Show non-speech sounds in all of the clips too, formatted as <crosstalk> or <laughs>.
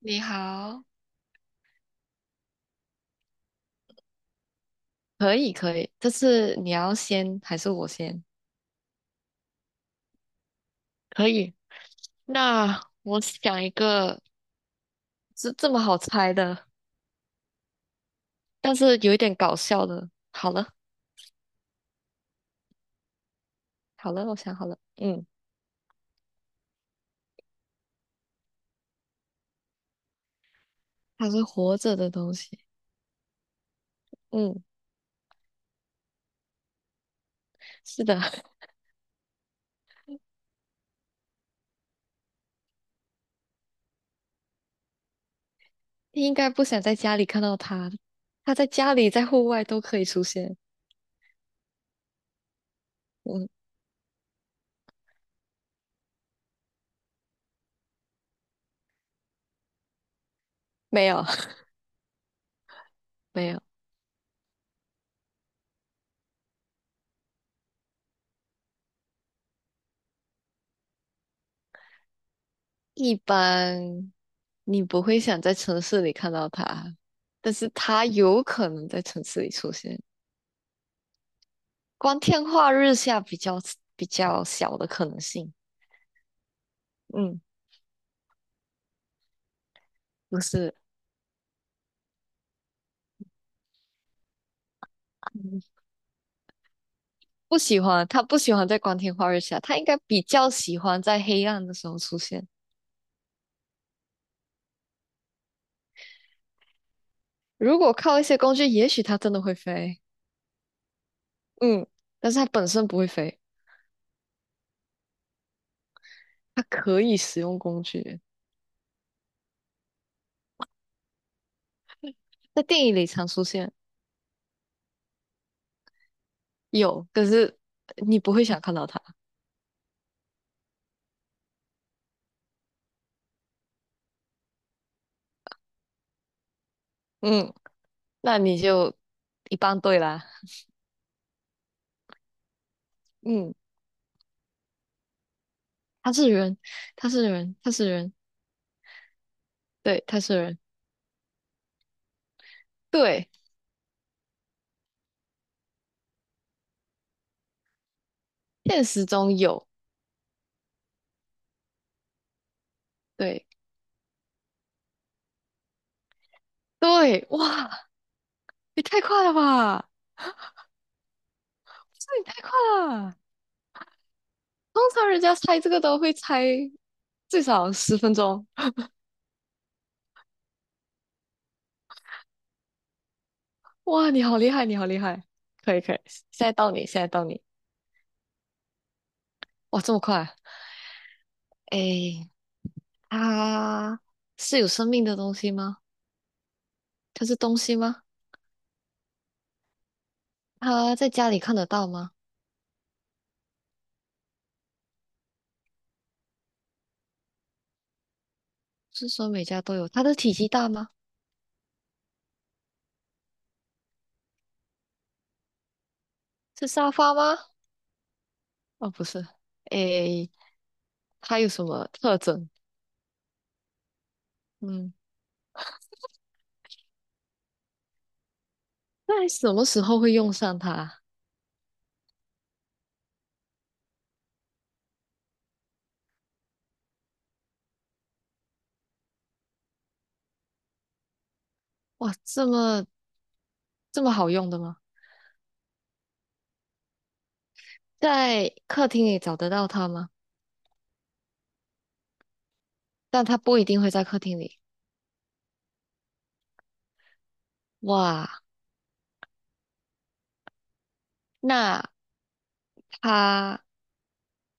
你好，可以，可以，这次你要先还是我先？可以。那我想一个，是这么好猜的，但是有一点搞笑的。好了，好了，我想好了，嗯，它是活着的东西，嗯，是的，<laughs> 你应该不想在家里看到它，它在家里、在户外都可以出现。嗯，没有，<laughs> 没有，一般你不会想在城市里看到它，但是它有可能在城市里出现。光天化日下比较小的可能性。嗯，不是，嗯不喜欢，他不喜欢在光天化日下，他应该比较喜欢在黑暗的时候出现。如果靠一些工具，也许他真的会飞。嗯，但是他本身不会飞，他可以使用工具，在电影里常出现，有，可是你不会想看到他。嗯，那你就一般对啦。嗯，他是人，他是人，他是人，对，他是人，对，现实中有。对对，哇，也太快了吧！这也太快了。通常人家猜这个都会猜最少10分钟。哇，你好厉害，你好厉害！可以可以，现在到你，现在到你。哇，这么快啊！诶，它是有生命的东西吗？它是东西吗？它在家里看得到吗？是说每家都有？它的体积大吗？是沙发吗？哦，不是。诶，它有什么特征？嗯，在什么时候会用上它？哇，这么好用的吗？在客厅里找得到它吗？但它不一定会在客厅里。哇，那它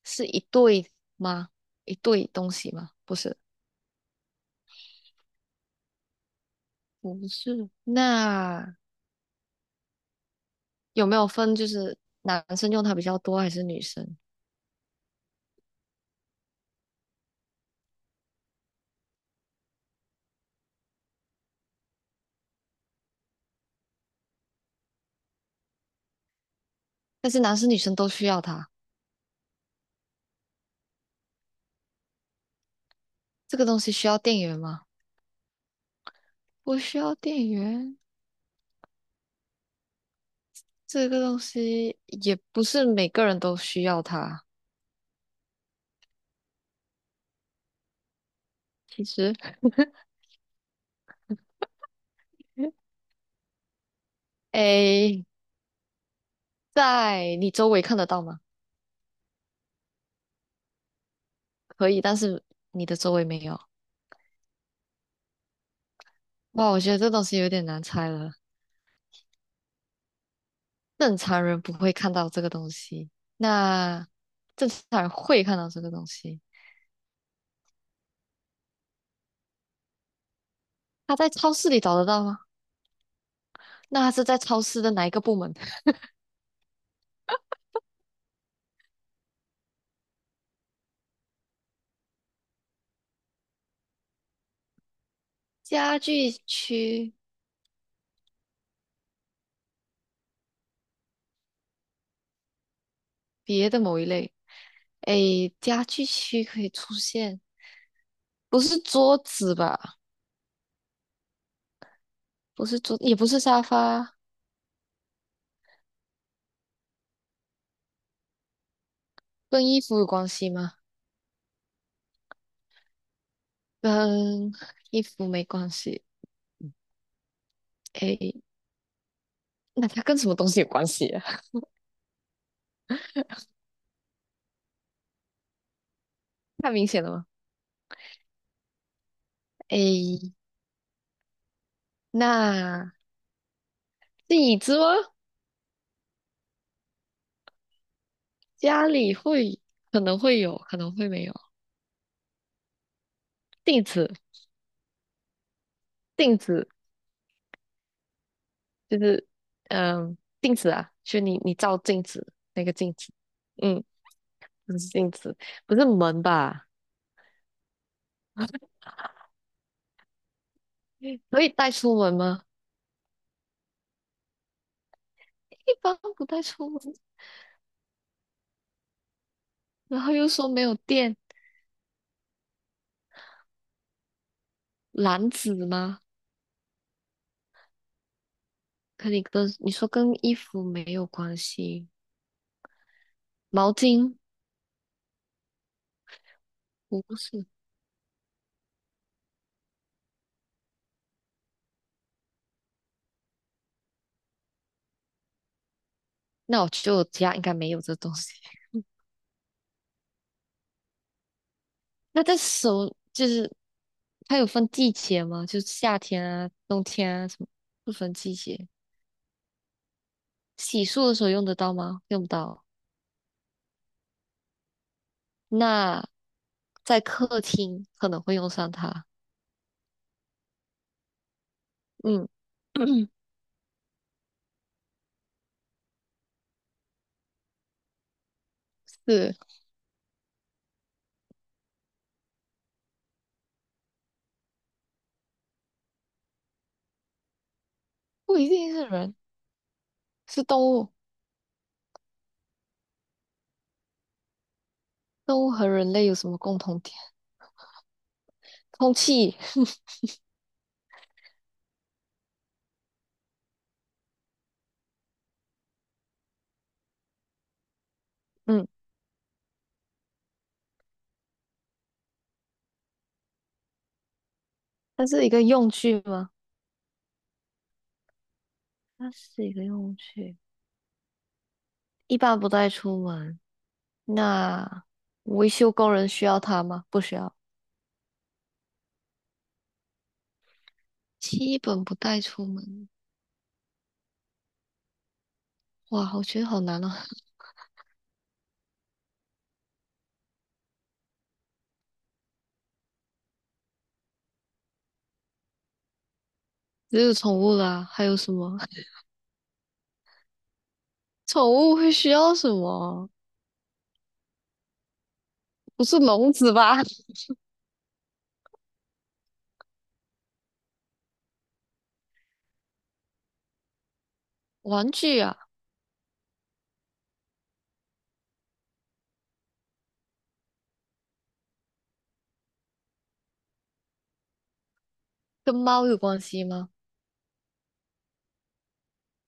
是一对吗？一对东西吗？不是，不是，那有没有分就是男生用它比较多还是女生？但是男生女生都需要它。这个东西需要电源吗？不需要电源。这个东西也不是每个人都需要它。其实 <laughs> 诶，在你周围看得到吗？可以，但是你的周围没有。哇，我觉得这东西有点难猜了。正常人不会看到这个东西，那正常人会看到这个东西。他在超市里找得到吗？那他是在超市的哪一个部门？<laughs> 家具区别的某一类？诶，家具区可以出现，不是桌子吧？不是桌，也不是沙发，跟衣服有关系吗？跟衣服没关系。诶，那它跟什么东西有关系啊？<laughs> 太明显了吗？诶，那椅子吗？家里会可能会有，可能会没有。镜子，镜子就是嗯，镜子啊，就你照镜子那个镜子，嗯，不是镜子，不是门吧？可以带出门吗？一般不带出门。然后又说没有电，篮子吗？可你跟你说跟衣服没有关系，毛巾不是。那我就家应该没有这东西。<laughs> 那这手就是它有分季节吗？就是夏天啊、冬天啊什么，不分季节。洗漱的时候用得到吗？用不到。那在客厅可能会用上它。嗯，<coughs> <clears throat> 是，不一定是人，是动物。动物和人类有什么共同点？空气。<laughs> 嗯，它是一个用具吗？它是一个用具，一般不带出门。那维修工人需要它吗？不需要，基本不带出门。哇，我觉得好难哦。<laughs> 只有宠物啦，还有什么？<laughs> 宠物会需要什么？不是笼子吧？<laughs> 玩具啊，跟猫有关系吗？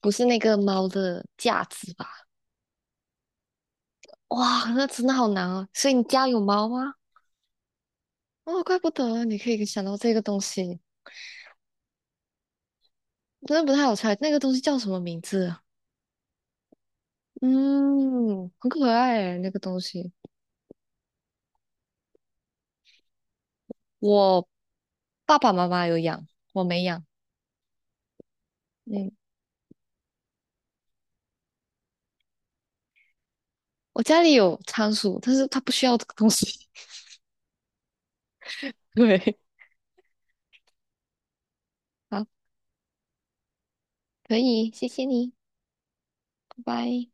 不是那个猫的架子吧？哇，那真的好难哦。所以你家有猫吗？哦，怪不得你可以想到这个东西，真的不太好猜。那个东西叫什么名字啊嗯，很可爱哎，那个东西。我爸爸妈妈有养，我没养。嗯，我家里有仓鼠，但是它不需要这个东西。<laughs> 对，好，可以，谢谢你，拜拜。